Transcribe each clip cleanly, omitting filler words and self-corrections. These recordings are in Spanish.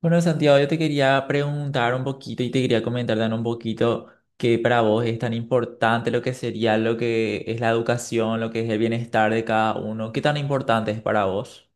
Bueno, Santiago, yo te quería preguntar un poquito y te quería comentar también un poquito que para vos es tan importante lo que sería lo que es la educación, lo que es el bienestar de cada uno. ¿Qué tan importante es para vos?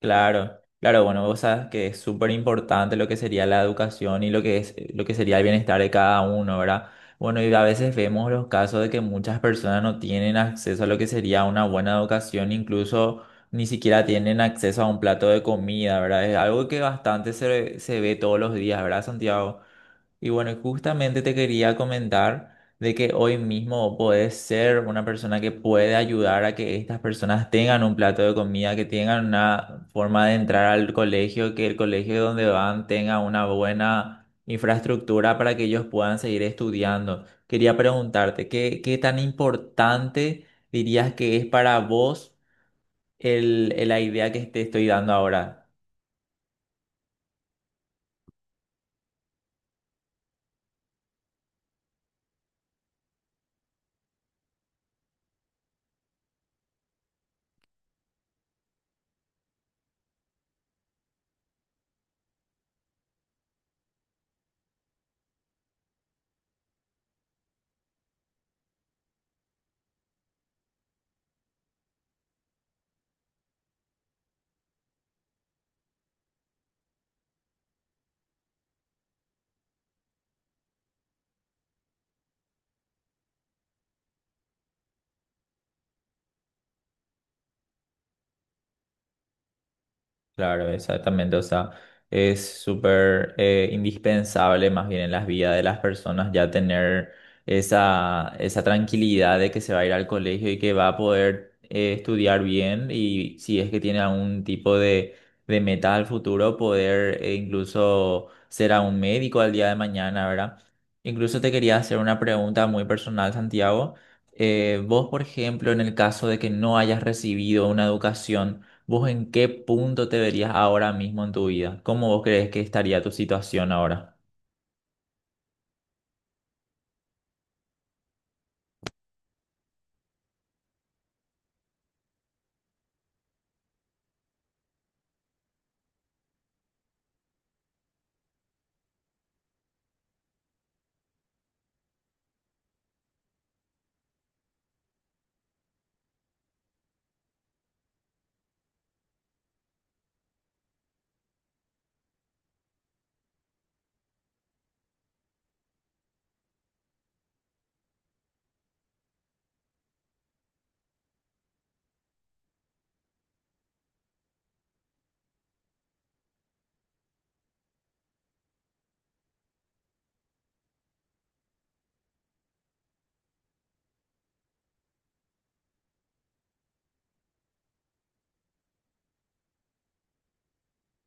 Claro, claro, bueno, vos sabes que es súper importante lo que sería la educación y lo que es, lo que sería el bienestar de cada uno, ¿verdad? Bueno, y a veces vemos los casos de que muchas personas no tienen acceso a lo que sería una buena educación, incluso ni siquiera tienen acceso a un plato de comida, ¿verdad? Es algo que bastante se ve todos los días, ¿verdad, Santiago? Y bueno, y justamente te quería comentar de que hoy mismo podés ser una persona que puede ayudar a que estas personas tengan un plato de comida, que tengan una forma de entrar al colegio, que el colegio donde van tenga una buena infraestructura para que ellos puedan seguir estudiando. Quería preguntarte, ¿qué tan importante dirías que es para vos la idea que te estoy dando ahora? Claro, exactamente. O sea, es súper indispensable más bien en las vidas de las personas ya tener esa tranquilidad de que se va a ir al colegio y que va a poder estudiar bien, y si es que tiene algún tipo de meta al futuro, poder incluso ser a un médico al día de mañana, ¿verdad? Incluso te quería hacer una pregunta muy personal, Santiago. Vos, por ejemplo, en el caso de que no hayas recibido una educación, ¿vos en qué punto te verías ahora mismo en tu vida? ¿Cómo vos crees que estaría tu situación ahora?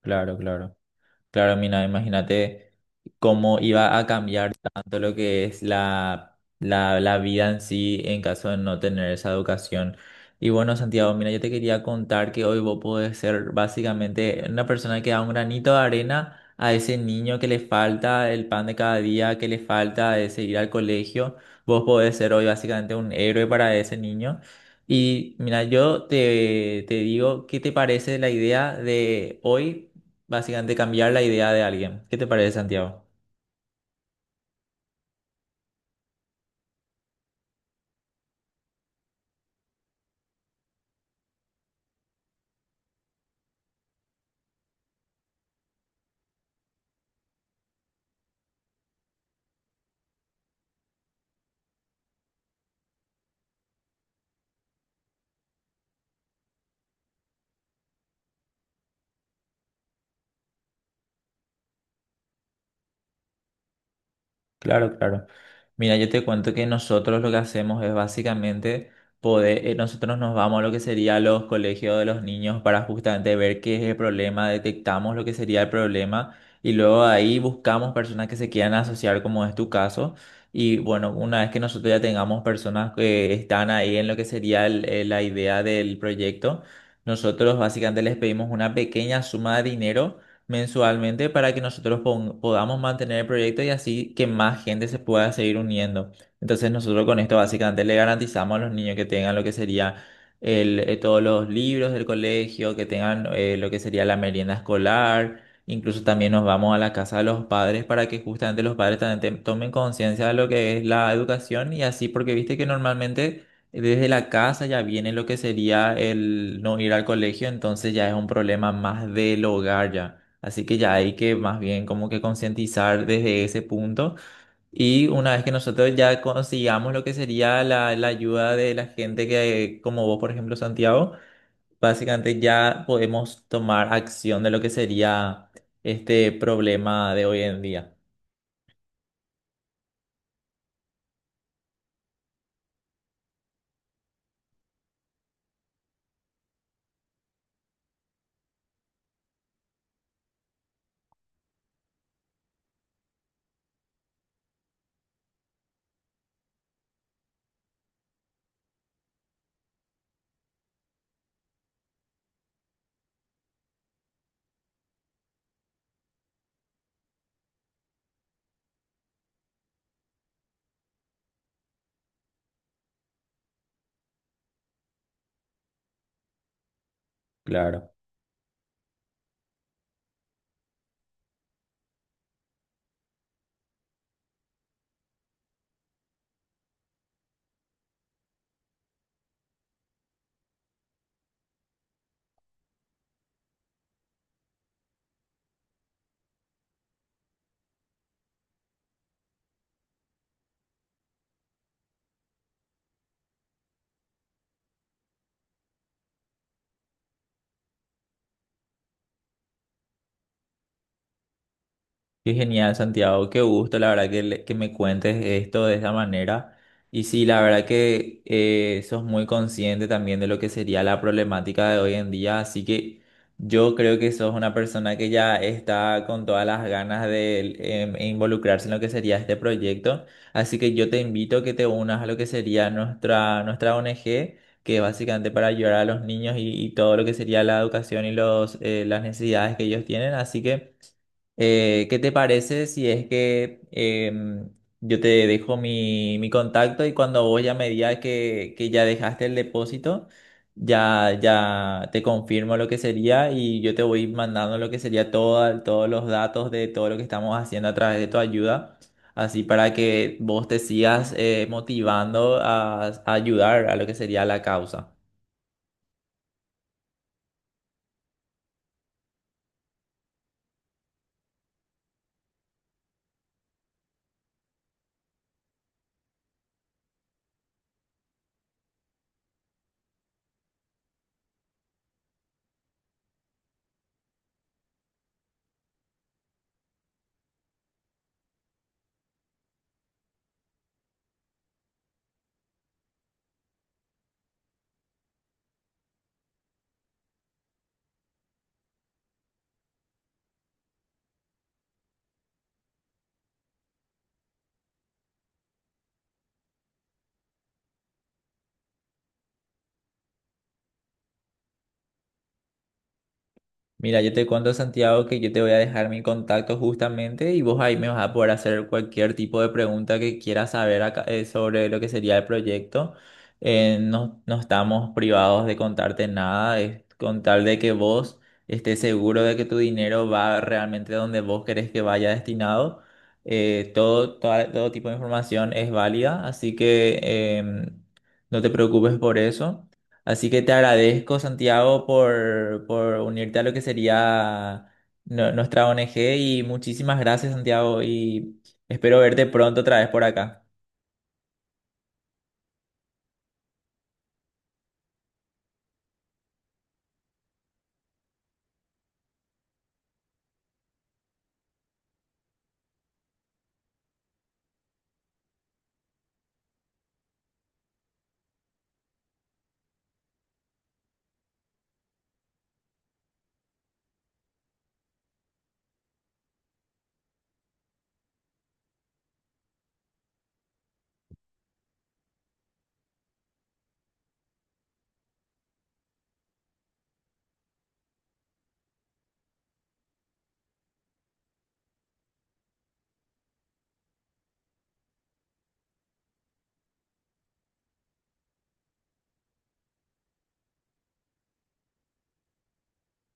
Claro, claro. Claro, mina, imagínate cómo iba a cambiar tanto lo que es la vida en sí en caso de no tener esa educación. Y bueno, Santiago, mira, yo te quería contar que hoy vos podés ser básicamente una persona que da un granito de arena a ese niño que le falta el pan de cada día, que le falta de seguir al colegio. Vos podés ser hoy básicamente un héroe para ese niño. Y mira, yo te digo, ¿qué te parece la idea de hoy? Básicamente cambiar la idea de alguien. ¿Qué te parece, Santiago? Claro, claro. Mira, yo te cuento que nosotros lo que hacemos es básicamente poder, nosotros nos vamos a lo que sería los colegios de los niños para justamente ver qué es el problema, detectamos lo que sería el problema y luego ahí buscamos personas que se quieran asociar, como es tu caso. Y bueno, una vez que nosotros ya tengamos personas que están ahí en lo que sería la idea del proyecto, nosotros básicamente les pedimos una pequeña suma de dinero mensualmente para que nosotros podamos mantener el proyecto y así que más gente se pueda seguir uniendo. Entonces nosotros con esto básicamente le garantizamos a los niños que tengan lo que sería todos los libros del colegio, que tengan lo que sería la merienda escolar. Incluso también nos vamos a la casa de los padres para que justamente los padres también tomen conciencia de lo que es la educación y así, porque viste que normalmente desde la casa ya viene lo que sería el no ir al colegio, entonces ya es un problema más del hogar ya. Así que ya hay que más bien como que concientizar desde ese punto. Y una vez que nosotros ya consigamos lo que sería la ayuda de la gente que, como vos, por ejemplo, Santiago, básicamente ya podemos tomar acción de lo que sería este problema de hoy en día. Claro. Qué genial, Santiago. Qué gusto, la verdad, que me cuentes esto de esa manera. Y sí, la verdad que sos muy consciente también de lo que sería la problemática de hoy en día. Así que yo creo que sos una persona que ya está con todas las ganas de e involucrarse en lo que sería este proyecto. Así que yo te invito a que te unas a lo que sería nuestra ONG, que es básicamente para ayudar a los niños y todo lo que sería la educación y los, las necesidades que ellos tienen. Así que. ¿Qué te parece si es que yo te dejo mi contacto y cuando vos ya me digas que ya dejaste el depósito, ya te confirmo lo que sería y yo te voy mandando lo que sería todo, todos los datos de todo lo que estamos haciendo a través de tu ayuda, así para que vos te sigas motivando a ayudar a lo que sería la causa. Mira, yo te cuento, Santiago, que yo te voy a dejar mi contacto justamente y vos ahí me vas a poder hacer cualquier tipo de pregunta que quieras saber acá, sobre lo que sería el proyecto. No, no estamos privados de contarte nada, es con tal de que vos estés seguro de que tu dinero va realmente donde vos querés que vaya destinado. Todo tipo de información es válida, así que em, no te preocupes por eso. Así que te agradezco, Santiago, por unirte a lo que sería nuestra ONG y muchísimas gracias, Santiago, y espero verte pronto otra vez por acá.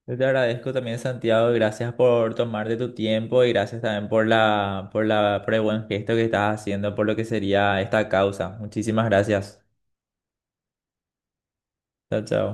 Yo te agradezco también, Santiago, y gracias por tomarte tu tiempo y gracias también por la, por la, por el buen gesto que estás haciendo por lo que sería esta causa. Muchísimas gracias. Chao, chao.